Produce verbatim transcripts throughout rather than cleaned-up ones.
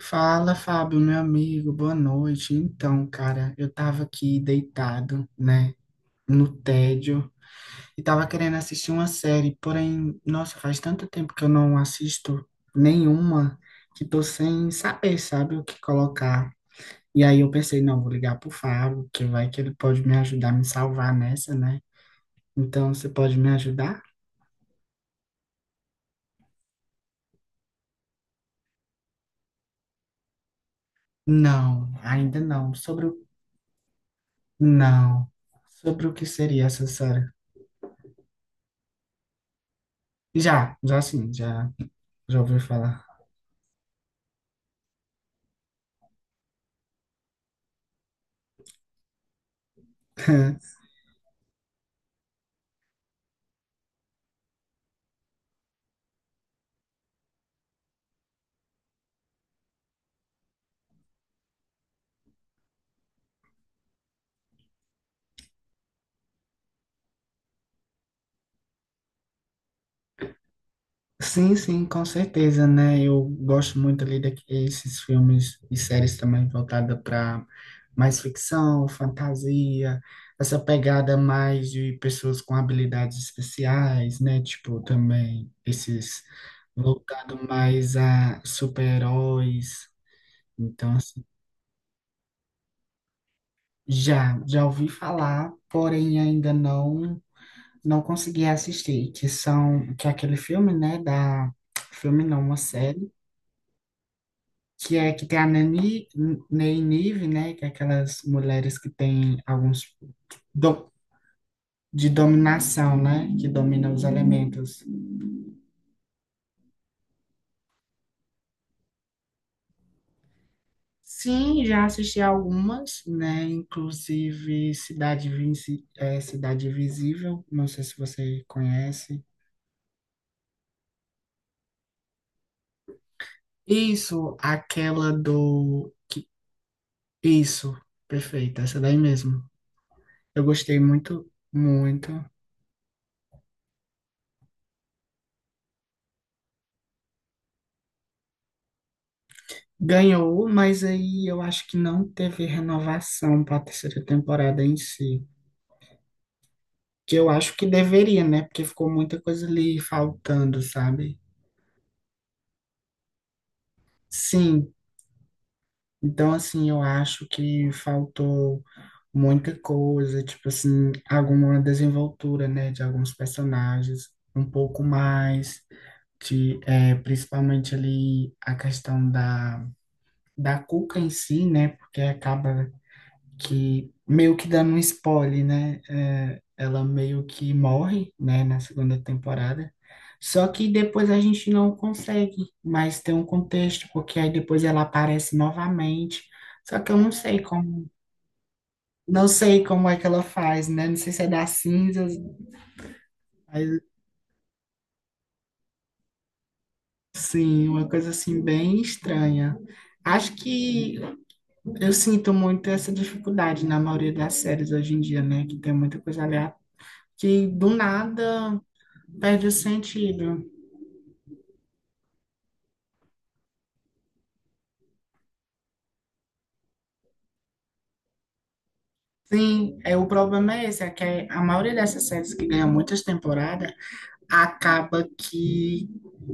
Fala, Fábio, meu amigo, boa noite. Então, cara, eu tava aqui deitado, né, no tédio, e tava querendo assistir uma série, porém, nossa, faz tanto tempo que eu não assisto nenhuma, que tô sem saber, sabe, o que colocar. E aí eu pensei, não, vou ligar pro Fábio, que vai que ele pode me ajudar, me salvar nessa, né? Então, você pode me ajudar? Não, ainda não. Sobre o... Não. Sobre o que seria essa série? Já, já sim, já. Já ouviu falar? Sim, sim, com certeza, né? Eu gosto muito ali desses filmes e séries também voltada para mais ficção, fantasia, essa pegada mais de pessoas com habilidades especiais, né? Tipo, também esses voltado mais a super-heróis. Então, assim, já, já ouvi falar, porém ainda não. Não consegui assistir, que são, que é aquele filme, né, da, filme não, uma série, que é que tem a Nani, Ney Nive, né, que é aquelas mulheres que têm alguns, do, de dominação, né, que dominam os elementos. Sim, já assisti algumas, né, inclusive Cidade, Vinci, é, Cidade Invisível, não sei se você conhece. Isso, aquela do, que, isso, perfeito, essa daí mesmo. Eu gostei muito, muito. Ganhou, mas aí eu acho que não teve renovação para a terceira temporada em si. Que eu acho que deveria, né? Porque ficou muita coisa ali faltando, sabe? Sim. Então, assim, eu acho que faltou muita coisa, tipo assim, alguma desenvoltura, né? De alguns personagens, um pouco mais. De, é, principalmente ali a questão da, da Cuca em si, né? Porque acaba que meio que dando um spoiler, né? É, ela meio que morre, né, na segunda temporada. Só que depois a gente não consegue mais ter um contexto, porque aí depois ela aparece novamente. Só que eu não sei como, não sei como é que ela faz, né? Não sei se é das cinzas, mas sim, uma coisa assim bem estranha. Acho que eu sinto muito essa dificuldade na maioria das séries hoje em dia, né? Que tem muita coisa aleatória que do nada. Perde o sentido. Sim, é, o problema é esse, é que a maioria dessas séries que ganha muitas temporadas acaba que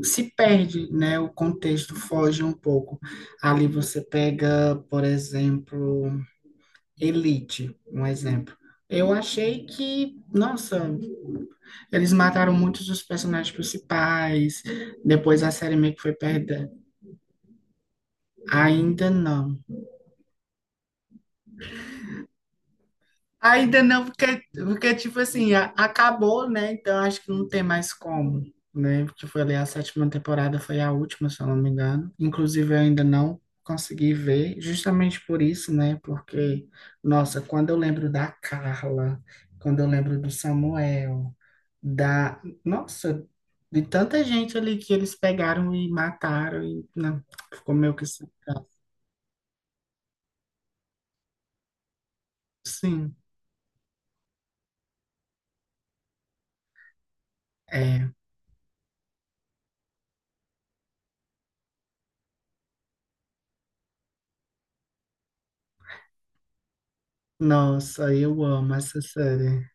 se perde, né? O contexto foge um pouco. Ali você pega, por exemplo, Elite, um exemplo. Eu achei que, nossa, eles mataram muitos dos personagens principais, depois a série meio que foi perdendo. Ainda não. Ainda não, porque, porque tipo assim, a- acabou, né? Então acho que não tem mais como, né? Porque foi ali a sétima temporada, foi a última, se eu não me engano. Inclusive, eu ainda não consegui ver, justamente por isso, né? Porque, nossa, quando eu lembro da Carla, quando eu lembro do Samuel, da. Nossa, de tanta gente ali que eles pegaram e mataram, e não, ficou meio que sem graça. Sim, é. Nossa, eu amo essa série.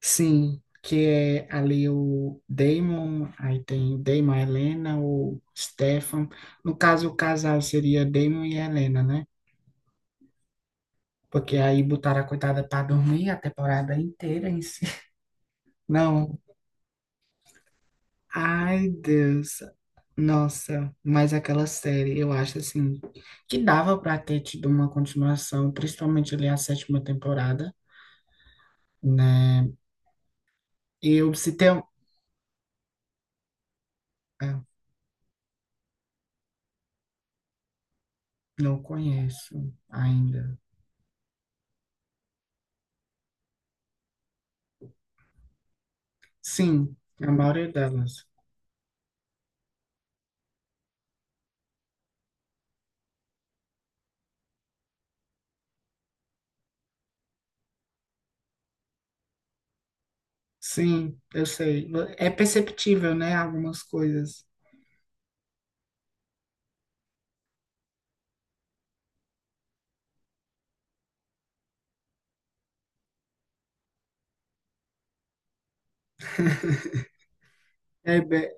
Sim, que é ali o Damon, aí tem o Damon, a Helena, o Stefan. No caso, o casal seria Damon e Helena, né? Porque aí botaram a coitada para dormir a temporada inteira em si. Não, ai Deus, nossa, mas aquela série, eu acho assim, que dava para ter tido uma continuação, principalmente ali a sétima temporada, né? E eu se tem. Um, ah, não conheço ainda. Sim, a maioria delas. Sim, eu sei. É perceptível, né? Algumas coisas. É, be,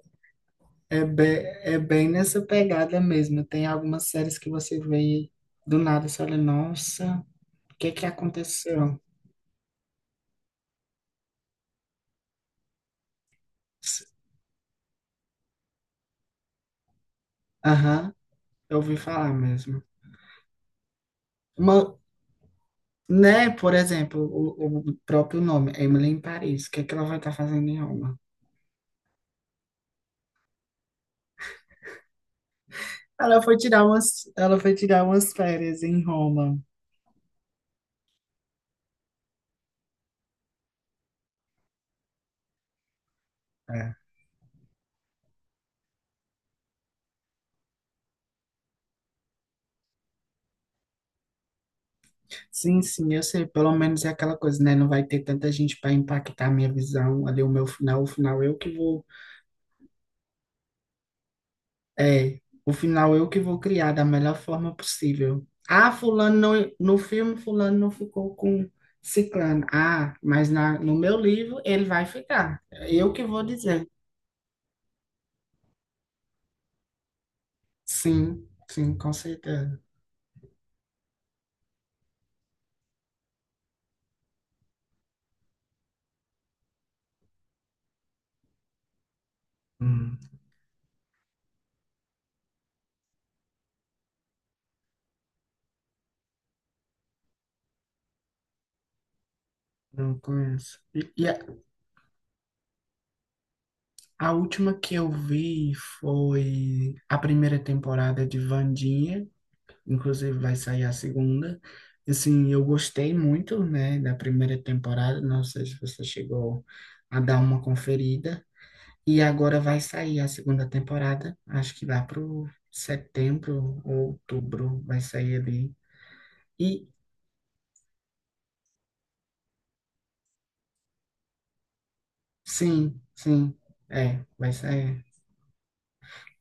é, be, é bem nessa pegada mesmo. Tem algumas séries que você vê e do nada, você olha, nossa, o que é que aconteceu? S- Aham, eu ouvi falar mesmo. Uma, né, por exemplo, o, o próprio nome, Emily em Paris. O que é que ela vai estar fazendo em Roma? Ela foi tirar umas, ela foi tirar umas férias em Roma. É. Sim, sim, eu sei, pelo menos é aquela coisa, né? Não vai ter tanta gente para impactar a minha visão ali, o meu final, o final eu que vou, é, o final eu que vou criar da melhor forma possível. Ah, fulano não, no filme fulano não ficou com ciclano. Ah, mas na, no meu livro ele vai ficar. Eu que vou dizer. Sim, sim, com certeza. Hum, não conheço. E, e a, a última que eu vi foi a primeira temporada de Wandinha, inclusive vai sair a segunda. Assim, eu gostei muito, né, da primeira temporada, não sei se você chegou a dar uma conferida. E agora vai sair a segunda temporada, acho que lá pro setembro ou outubro vai sair ali. E sim, sim, é, vai sair.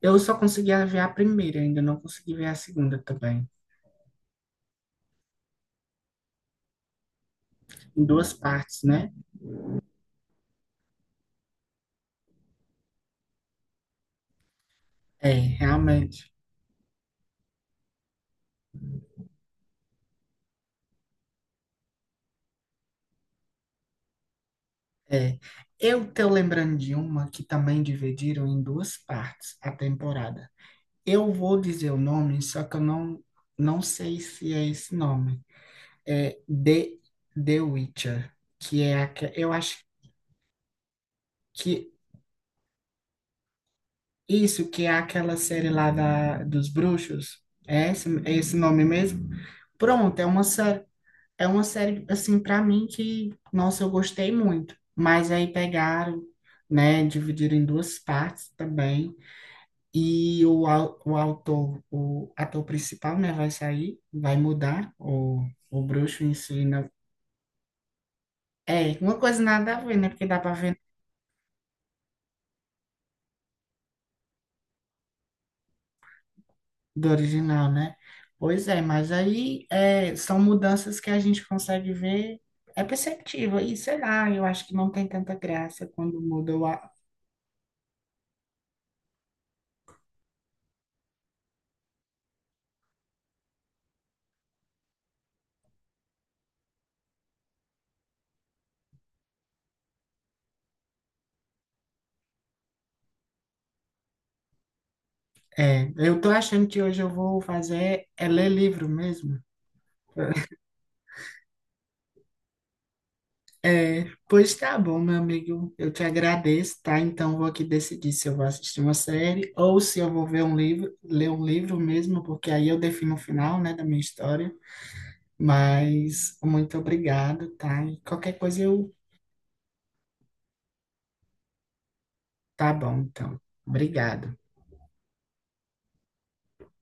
Eu só consegui ver a primeira, ainda não consegui ver a segunda também. Em duas partes, né? É, realmente. É, eu tô lembrando de uma que também dividiram em duas partes a temporada. Eu vou dizer o nome, só que eu não, não sei se é esse nome. É The, The Witcher, que é aque- eu acho que isso que é aquela série lá da, dos bruxos. É esse, é esse nome mesmo? Pronto, é uma série, é uma série assim para mim que, nossa, eu gostei muito. Mas aí pegaram, né, dividiram em duas partes também. E o, au- o autor, o ator principal, né, vai sair, vai mudar, o, o bruxo em si não... É, uma coisa nada a ver, né, porque dá para ver do original, né? Pois é, mas aí é, são mudanças que a gente consegue ver, é perceptível, e sei lá, eu acho que não tem tanta graça quando muda o... a- É, eu tô achando que hoje eu vou fazer, é ler livro mesmo. É, pois tá bom, meu amigo. Eu te agradeço, tá? Então vou aqui decidir se eu vou assistir uma série ou se eu vou ver um livro, ler um livro mesmo, porque aí eu defino o final, né, da minha história. Mas muito obrigado, tá? E qualquer coisa eu. Tá bom, então. Obrigado.